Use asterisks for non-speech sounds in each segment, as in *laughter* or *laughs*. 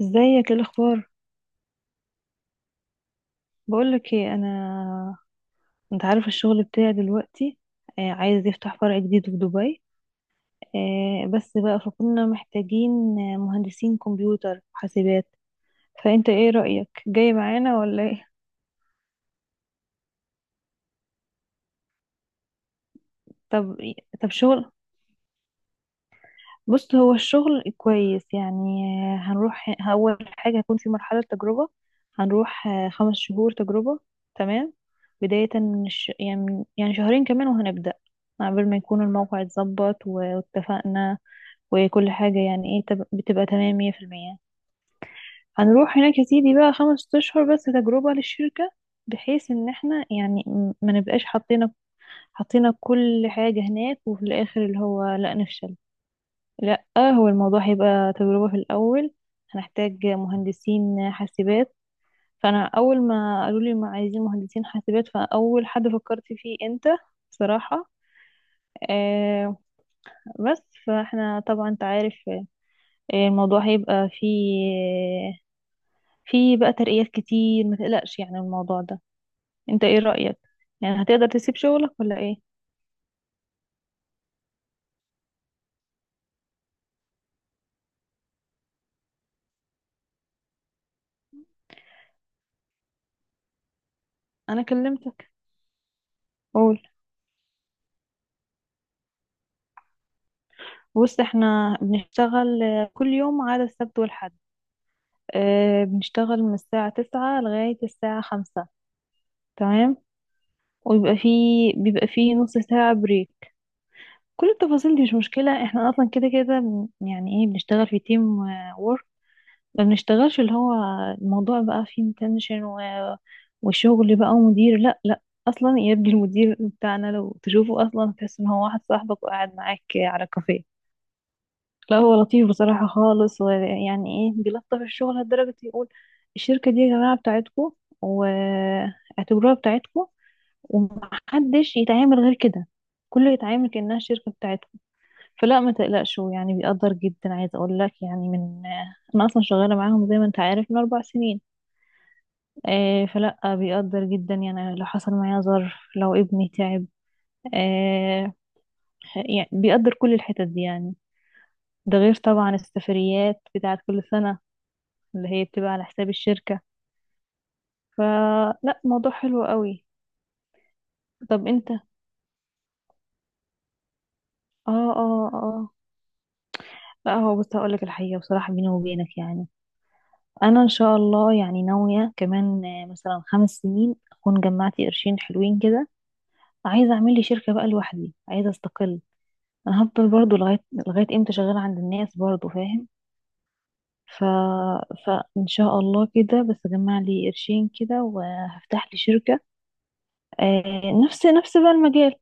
ازيك؟ ايه الاخبار؟ بقولك ايه، انا انت عارف الشغل بتاعي دلوقتي. عايز يفتح فرع جديد في دبي. بس بقى فكنا محتاجين مهندسين كمبيوتر وحاسبات. فانت ايه رأيك، جاي معانا ولا ايه؟ طب. طب شغل. بص، هو الشغل كويس يعني. هنروح أول حاجة هيكون في مرحلة تجربة. هنروح 5 شهور تجربة. تمام. بداية يعني يعني شهرين كمان وهنبدأ، قبل ما يكون الموقع اتظبط واتفقنا، وكل حاجة يعني ايه بتبقى تمام 100%. هنروح هناك يا سيدي بقى 5 أشهر بس تجربة للشركة، بحيث ان احنا يعني ما نبقاش حطينا كل حاجة هناك وفي الآخر اللي هو لا نفشل. لا. هو الموضوع هيبقى تجربة في الأول. هنحتاج مهندسين حاسبات. فأنا أول ما قالوا لي ما عايزين مهندسين حاسبات فأول حد فكرت فيه أنت. بصراحة. آه. بس فاحنا طبعا انت عارف، الموضوع هيبقى فيه بقى ترقيات كتير، ما تقلقش يعني الموضوع ده. انت ايه رأيك؟ يعني هتقدر تسيب شغلك ولا ايه؟ انا كلمتك. قول. بص، احنا بنشتغل كل يوم ما عدا السبت والحد. بنشتغل من الساعة 9 لغاية الساعة 5. تمام. ويبقى في بيبقى في نص ساعة بريك. كل التفاصيل دي مش مشكلة، احنا اصلا كده كده يعني ايه بنشتغل في تيم وورك. ما بنشتغلش اللي هو الموضوع بقى فيه تنشن وشغل بقى ومدير. لا لا. اصلا يبدي المدير بتاعنا لو تشوفه اصلا تحس ان هو واحد صاحبك وقاعد معاك على كافيه. لا، هو لطيف بصراحة خالص، ويعني ايه بيلطف الشغل لدرجة يقول: الشركة دي يا جماعة بتاعتكم، واعتبروها بتاعتكم، ومحدش يتعامل غير كده، كله يتعامل كأنها شركة بتاعتكم. فلا ما تقلقش، هو يعني بيقدر جدا، عايز اقول لك يعني انا اصلا شغالة معاهم زي ما انت عارف من 4 سنين. فلا بيقدر جدا يعني لو حصل معايا ظرف لو ابني تعب، آه، يعني بيقدر كل الحتت دي يعني. ده غير طبعا السفريات بتاعت كل سنة اللي هي بتبقى على حساب الشركة. فلا، موضوع حلو قوي. طب انت، اه، اه، اه، لا، هو بص هقولك الحقيقة، بصراحة بيني وبينك يعني، انا ان شاء الله يعني ناوية كمان مثلا 5 سنين اكون جمعت قرشين حلوين كده، عايزة اعمل لي شركة بقى لوحدي، عايزة استقل. انا هفضل برضو لغاية امتى شغالة عند الناس برضو، فاهم؟ ف... فان شاء الله كده بس اجمع لي قرشين كده وهفتح لي شركة. نفس بقى المجال.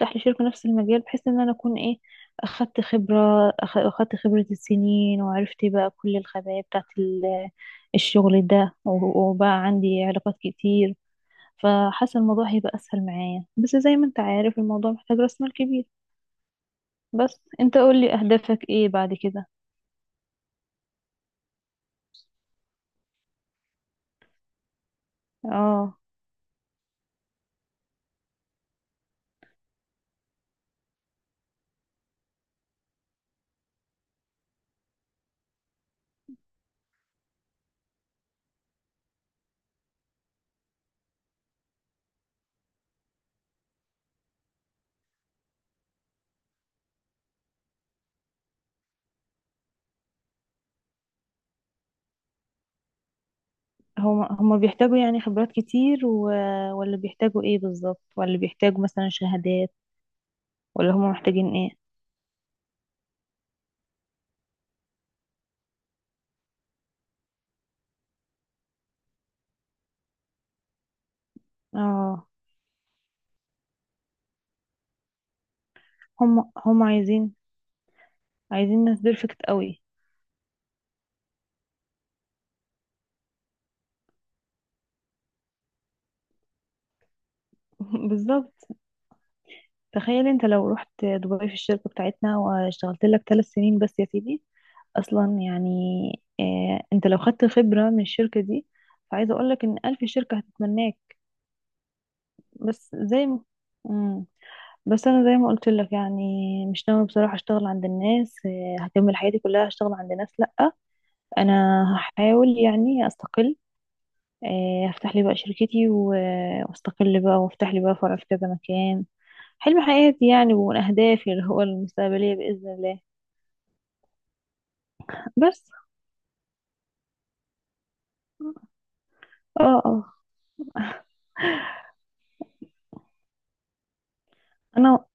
افتح لي شركة نفس المجال، بحيث ان انا اكون ايه، اخدت خبرة السنين، وعرفت بقى كل الخبايا بتاعت الشغل ده وبقى عندي علاقات كتير. فحاسة الموضوع هيبقى اسهل معايا، بس زي ما انت عارف الموضوع محتاج راس مال كبير. بس انت قول لي اهدافك ايه بعد كده؟ اه. هما بيحتاجوا يعني خبرات كتير ولا بيحتاجوا ايه بالظبط؟ ولا بيحتاجوا مثلا شهادات؟ ولا هما محتاجين ايه؟ اه. هم عايزين ناس بيرفكت قوي. *laughs* بالظبط. تخيل انت لو رحت دبي في الشركة بتاعتنا واشتغلت لك 3 سنين بس يا سيدي، اصلا يعني اه انت لو خدت خبرة من الشركة دي، فعايزة اقول لك ان الف شركة هتتمناك. بس زي ما... مم. بس انا زي ما قلت لك يعني، مش ناوي بصراحة اشتغل عند الناس، هكمل حياتي كلها اشتغل عند ناس؟ لا. انا هحاول يعني استقل، هفتح لي بقى شركتي واستقل بقى وافتح لي بقى فرع في كذا مكان. حلم حياتي يعني، ومن أهدافي اللي هو المستقبلية بإذن الله. بس، اه، اه، أنا،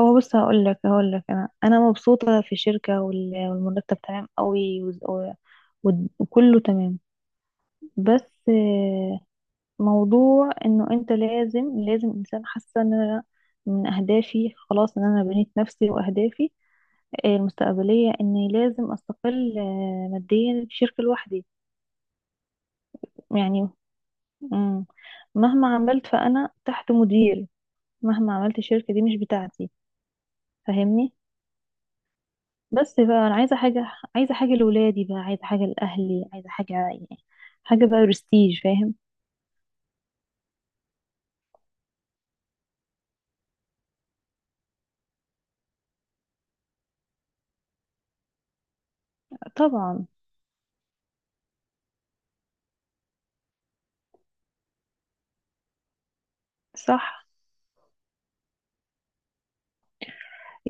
هو بص هقول لك أنا مبسوطة في الشركة والمرتب تمام قوي وكله تمام. بس، موضوع إنه أنت لازم إنسان، حاسة إن أنا من أهدافي خلاص إن أنا بنيت نفسي وأهدافي المستقبلية، إني لازم أستقل ماديا في شركة لوحدي يعني. مم. مهما عملت فأنا تحت مديري، مهما عملت الشركة دي مش بتاعتي. فاهمني؟ بس بقى أنا عايزة حاجة، عايزة حاجة لولادي بقى، عايزة حاجة لأهلي، عايزة حاجة يعني حاجة بقى برستيج، فاهم؟ طبعا. صح.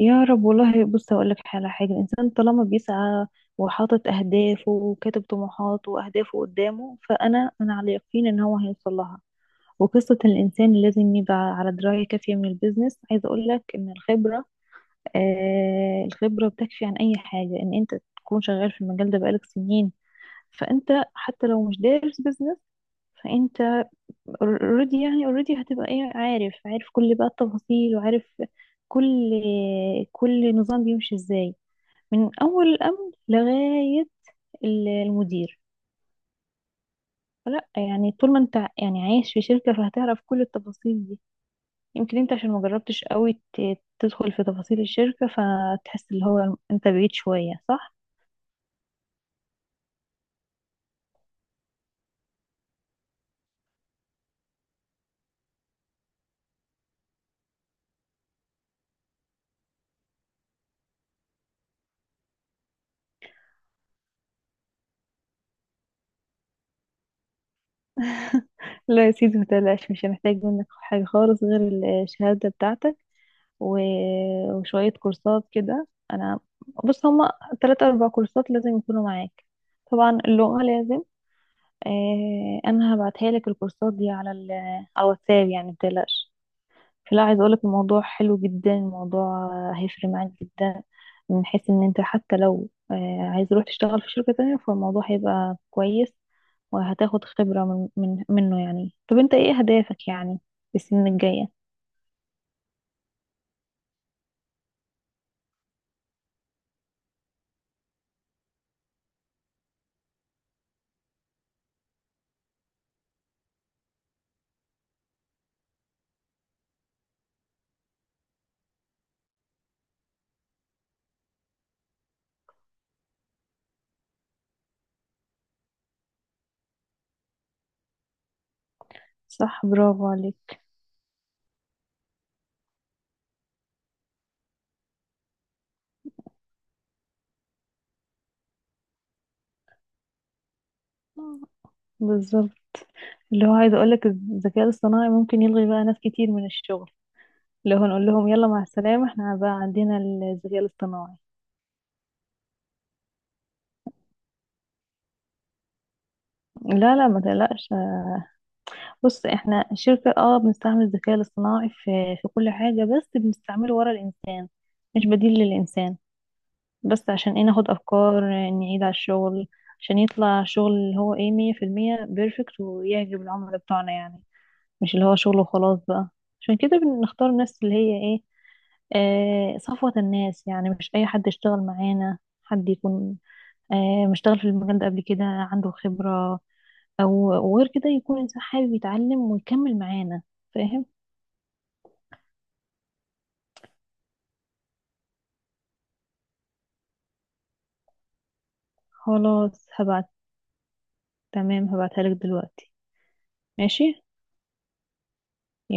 يا رب والله. بص، أقول لك على حاجة: الإنسان طالما بيسعى وحاطط أهدافه وكاتب طموحاته وأهدافه قدامه، فأنا على يقين إن هو هيوصل لها. وقصة الإنسان لازم يبقى على دراية كافية من البيزنس، عايزة أقول لك إن الخبرة، الخبرة بتكفي عن أي حاجة، إن أنت تكون شغال في المجال ده بقالك سنين. فأنت، حتى لو مش دارس بيزنس، فأنت اوريدي يعني، هتبقى إيه، عارف كل بقى التفاصيل، وعارف كل كل نظام بيمشي إزاي، من أول الأمن لغاية المدير. فلا يعني طول ما أنت يعني عايش في شركة فهتعرف كل التفاصيل دي. يمكن أنت عشان ما جربتش قوي تدخل في تفاصيل الشركة، فتحس اللي هو أنت بعيد شوية، صح؟ لا يا سيدي، متقلقش، مش هنحتاج منك حاجة خالص غير الشهادة بتاعتك و... وشوية كورسات كده. أنا، بص، هما تلات أربع كورسات لازم يكونوا معاك. طبعا اللغة لازم. أنا هبعتها لك الكورسات دي على الواتساب يعني، متقلقش. فلا، عايز أقولك الموضوع حلو جدا، الموضوع هيفرق معاك جدا، من حيث إن أنت حتى لو عايز تروح تشتغل في شركة تانية فالموضوع هيبقى كويس، وهتاخد خبرة من منه يعني. طب انت ايه اهدافك يعني في السنين الجاية؟ صح، برافو عليك. بالظبط. اللي هو عايز اقولك الذكاء الاصطناعي ممكن يلغي بقى ناس كتير من الشغل، اللي هو نقول لهم يلا مع السلامة، احنا بقى عندنا الذكاء الاصطناعي. لا، لا، ما تقلقش. بص، احنا الشركة بنستعمل الذكاء الاصطناعي في كل حاجة، بس بنستعمله ورا الانسان، مش بديل للانسان. بس عشان ايه؟ ناخد افكار، نعيد على الشغل، عشان يطلع شغل اللي هو ايه 100% بيرفكت ويعجب العملاء بتوعنا يعني. مش اللي هو شغل وخلاص بقى. عشان كده بنختار الناس اللي هي ايه، صفوة الناس يعني، مش اي حد يشتغل معانا. حد يكون مشتغل في المجال ده قبل كده عنده خبرة، او وغير كده يكون انسان حابب يتعلم ويكمل معانا. فاهم؟ خلاص، هبعت. تمام، هبعتها لك دلوقتي. ماشي.